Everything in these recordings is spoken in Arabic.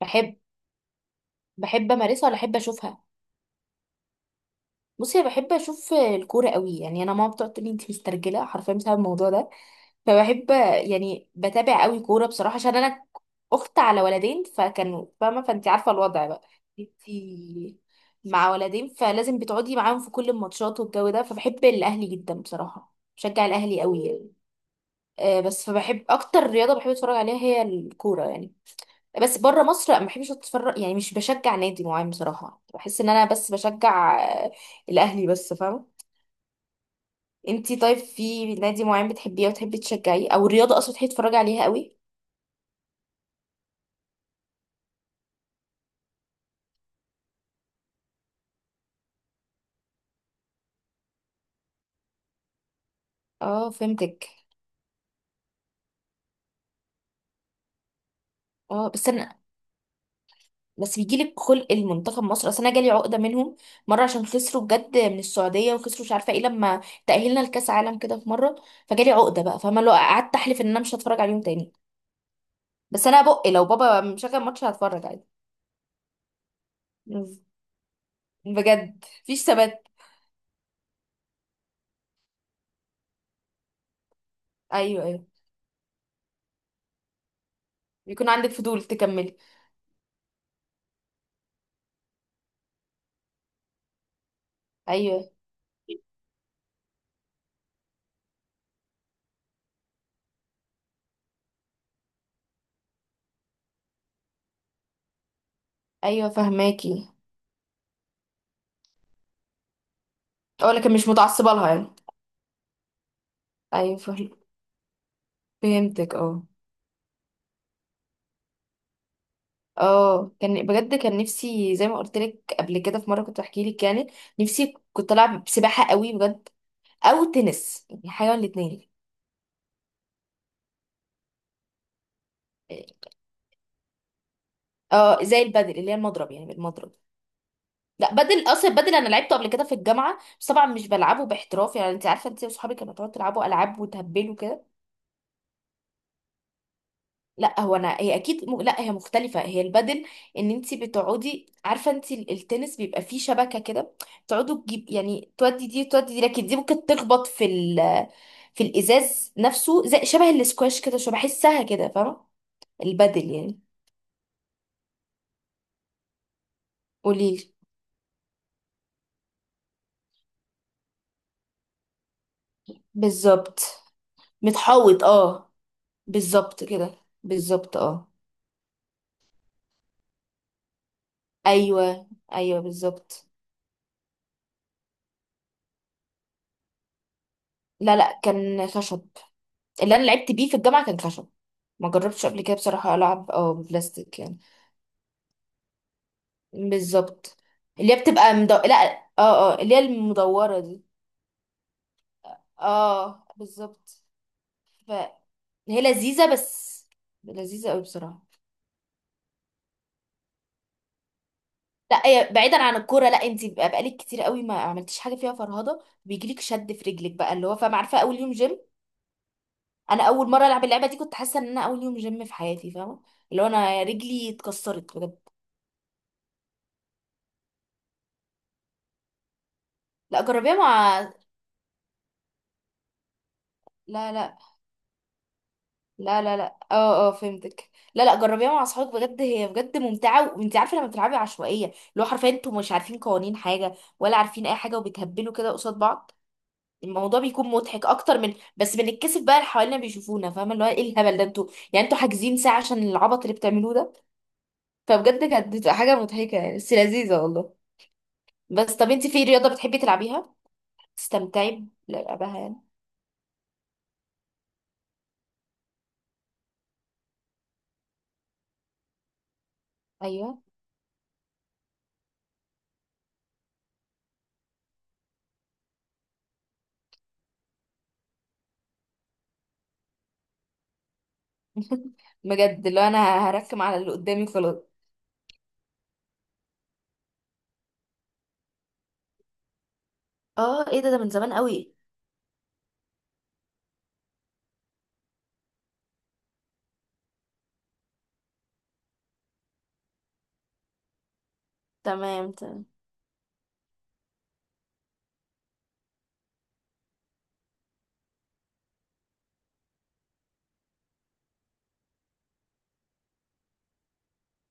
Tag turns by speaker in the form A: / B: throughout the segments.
A: بحب بحب امارسها ولا احب اشوفها؟ بصي، انا بحب اشوف الكوره قوي. يعني انا ماما بتقعد تقول لي انت مسترجله حرفيا بسبب الموضوع ده. فبحب، يعني بتابع قوي كوره بصراحه، عشان انا اخت على ولدين فكانوا فاهمه، فانت عارفه الوضع بقى. انت مع ولدين فلازم بتقعدي معاهم في كل الماتشات والجو ده. فبحب الاهلي جدا بصراحه، بشجع الاهلي قوي يعني. بس فبحب اكتر رياضه بحب اتفرج عليها هي الكوره يعني. بس بره مصر لا، ما بحبش اتفرج، يعني مش بشجع نادي معين بصراحه. بحس ان انا بس بشجع الاهلي بس، فاهمه. انتي طيب، في نادي معين بتحبيه وتحبي تشجعيه، او الرياضه اصلا تحبي تتفرجي عليها قوي؟ اه، فهمتك. اه بس انا، بس بيجيلك خلق المنتخب مصر، اصل انا جالي عقده منهم مره عشان خسروا بجد من السعوديه وخسروا مش عارفه ايه لما تاهلنا لكاس عالم كده في مره. فجالي عقده بقى، فاهمه، لو قعدت احلف ان انا مش هتفرج عليهم تاني. بس انا بق لو بابا مشغل ماتش هتفرج عادي. مم. بجد مفيش ثبات. ايوه، ايوه، بيكون عندك فضول تكملي. ايوه، ايوه، فهماكي. اه لكن مش متعصبه لها يعني. ايوه، فهمتك. اه، اه كان بجد كان نفسي زي ما قلت لك قبل كده في مره كنت بحكي لك يعني. نفسي كنت العب سباحه قوي بجد، او تنس، يعني حاجه من الاثنين. اه زي البادل اللي هي المضرب، يعني المضرب. لا بدل، اصلا بدل انا لعبته قبل كده في الجامعه، بس طبعا مش بلعبه باحتراف. يعني انت عارفه، انت واصحابك كانوا تقعدوا تلعبوا العاب وتهبلوا كده. لا، هو انا هي اكيد لا هي مختلفه، هي البدل. ان انت بتقعدي، عارفه انت، التنس بيبقى فيه شبكه كده، تقعدوا تجيب، يعني تودي دي تودي دي، لكن دي ممكن تخبط في الازاز نفسه، زي شبه الاسكواش كده، شو بحسها كده فاهمه. البدل يعني، قوليلي. بالظبط. متحوط اه. بالظبط كده. بالظبط، اه. ايوه، ايوه، بالظبط. لا، لا، كان خشب. اللي انا لعبت بيه في الجامعه كان خشب. ما جربتش قبل كده بصراحه العب بلاستيك يعني. بالظبط. اللي هي بتبقى لا. اه، اه، اللي هي المدورة دي. اه بالظبط. فهي لذيذة، بس لذيذة قوي بصراحة. لا، هي بعيدا عن الكورة. لا انت بقى بقالك كتير قوي ما عملتيش حاجة فيها، فرهضة بيجيلك شد في رجلك بقى، اللي هو فاهمة، عارفة اول يوم جيم. انا اول مرة العب اللعبة دي كنت حاسة ان انا اول يوم جيم في حياتي، فاهمة. اللي هو انا رجلي اتكسرت بجد. لا جربيها مع. لا، لا، لا، لا، لا. اه، اه، فهمتك. لا، لا، جربيها مع اصحابك بجد، هي بجد ممتعه. وانت عارفه لما بتلعبي عشوائيه، اللي هو حرفيا انتوا مش عارفين قوانين حاجه ولا عارفين اي حاجه وبتهبلوا كده قصاد بعض. الموضوع بيكون مضحك اكتر، من بس بنتكسف بقى اللي حوالينا بيشوفونا، فاهمه، اللي هو ايه الهبل ده انتوا، يعني انتوا حاجزين ساعه عشان العبط اللي بتعملوه ده. فبجد كانت بتبقى حاجه مضحكه يعني، بس لذيذه والله. بس طب انت، في رياضه بتحبي تلعبيها تستمتعي بلعبها يعني؟ ايوه بجد، اللي هو انا هركم على اللي قدامي خلاص. اه، ايه ده من زمان قوي. تمام، تمام.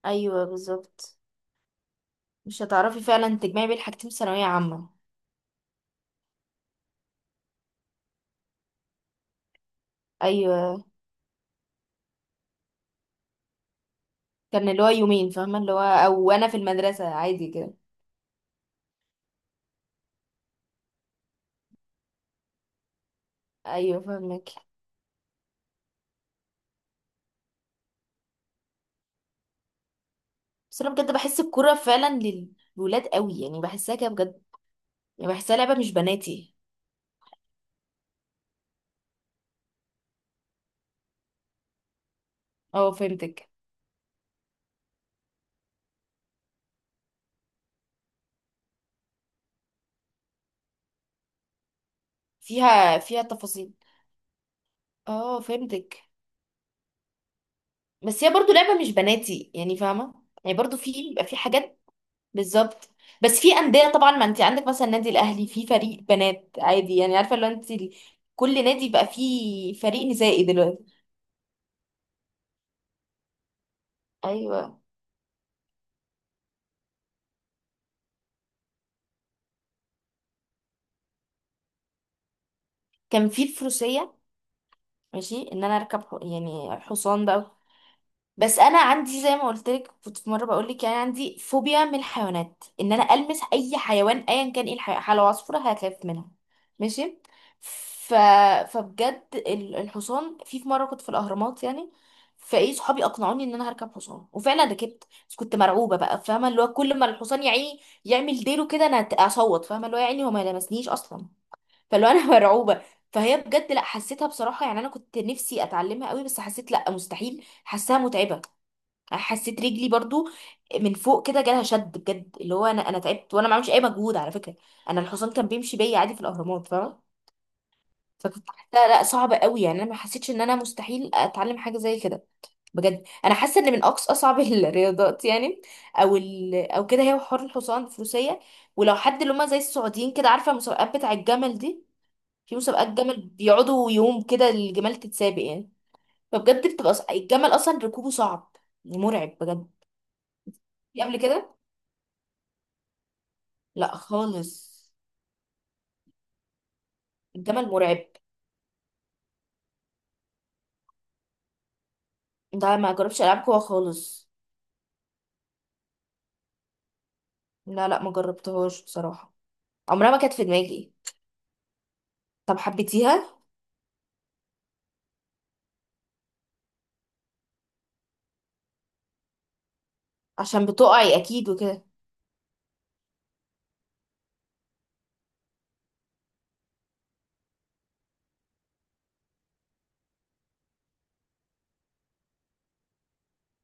A: ايوه بالظبط، مش هتعرفي فعلا تجمعي بين حاجتين في ثانويه عامه. ايوه، كان اللي هو يومين، فاهمه اللي هو، او انا في المدرسه عادي كده. ايوه، فاهمك. بس انا بجد بحس الكوره فعلا للولاد قوي، يعني بحسها كده بجد. يعني بحسها لعبه مش بناتي. اه فهمتك. فيها تفاصيل. اه فهمتك. بس هي برضو لعبه مش بناتي، يعني فاهمه. يعني برضو في بيبقى في حاجات. بالظبط. بس في انديه طبعا، ما انت عندك مثلا النادي الاهلي في فريق بنات عادي، يعني عارفه لو انت كل نادي بقى فيه فريق نسائي دلوقتي. ايوه. كان في الفروسيه، ماشي ان انا اركب يعني حصان بقى. بس انا عندي زي ما قلت لك كنت في مره بقول لك يعني، عندي فوبيا من الحيوانات، ان انا المس اي حيوان ايا كان ايه الحيوان، لو عصفوره هخاف منها. ماشي. ف... فبجد الحصان، في مره كنت في الاهرامات يعني، فايه صحابي اقنعوني ان انا هركب حصان وفعلا ركبت، بس كنت مرعوبه بقى، فاهمه، اللي هو كل ما الحصان يا عيني يعمل ديله كده انا اصوت، فاهمه اللي هو، يا عيني هو ما لمسنيش اصلا. فاللي هو انا مرعوبه. فهي بجد، لا، حسيتها بصراحه يعني، انا كنت نفسي اتعلمها قوي بس حسيت لا مستحيل، حاساها متعبه. حسيت رجلي برضو من فوق كده جالها شد بجد، اللي هو انا تعبت وانا ما بعملش اي مجهود على فكره. انا الحصان كان بيمشي بيا عادي في الاهرامات، فاهمه. فكنت حاسه لا صعبه قوي، يعني انا ما حسيتش ان انا مستحيل اتعلم حاجه زي كده. بجد انا حاسه ان من اقصى اصعب الرياضات يعني، او كده، هي حوار الحصان، الفروسيه. ولو حد اللي هم زي السعوديين كده، عارفه المسابقات بتاع الجمل دي، في مسابقات جمل بيقعدوا يوم كده الجمال تتسابق يعني. فبجد بتبقى الجمل اصلا ركوبه صعب، مرعب بجد. قبل كده. لا خالص. الجمل مرعب. ده ما جربش العاب قوه خالص. لا، لا، ما جربتهاش بصراحه. عمرها ما كانت في دماغي. طب حبيتيها؟ عشان بتقعي اكيد وكده.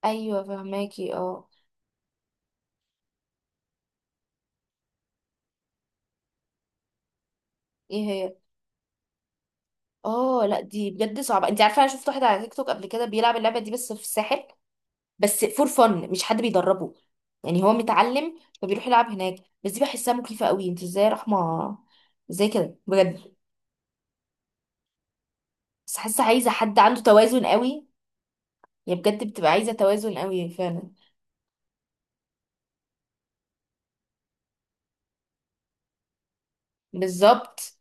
A: ايوه فهماكي اه. ايه هي. اه، لا دي بجد صعبه، انت عارفه انا شفت واحد على تيك توك قبل كده بيلعب اللعبه دي بس في الساحل. بس فور فن، مش حد بيدربه. يعني هو متعلم فبيروح يلعب هناك. بس دي بحسها مخيفه قوي، انت ازاي يا رحمه؟ ازاي كده بجد؟ بس حاسه عايزه حد عنده توازن قوي. هي بجد بتبقى عايزة توازن قوي فعلا. بالظبط.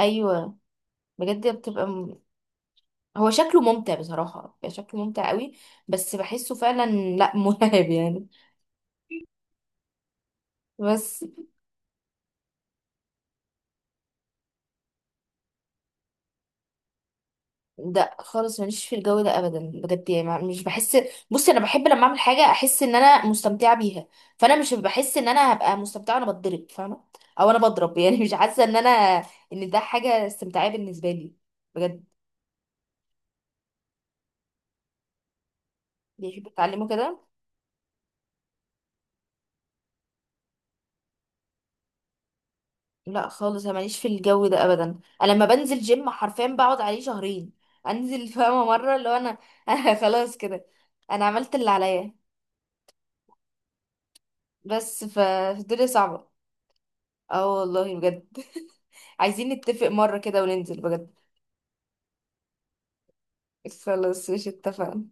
A: ايوه بجد بتبقى هو شكله ممتع بصراحة، بيبقى شكله ممتع قوي. بس بحسه فعلا، لا مرعب يعني. بس ده خالص ماليش في الجو ده ابدا بجد، يعني مش بحس. بصي انا بحب لما اعمل حاجة احس ان انا مستمتعة بيها، فانا مش بحس ان انا هبقى مستمتعة وانا بتضرب فاهمة، او انا بضرب يعني، مش حاسة ان انا ان ده حاجة استمتاعية بالنسبة لي، بجد. بيحبوا يتعلموا كده. لا خالص، انا ماليش في الجو ده ابدا. انا لما بنزل جيم حرفيا بقعد عليه شهرين انزل، فاهمه مره، اللي هو انا انا خلاص كده، انا عملت اللي عليا. بس فالدنيا صعبه. اه والله بجد. عايزين نتفق مره كده وننزل بجد. خلاص، مش اتفقنا؟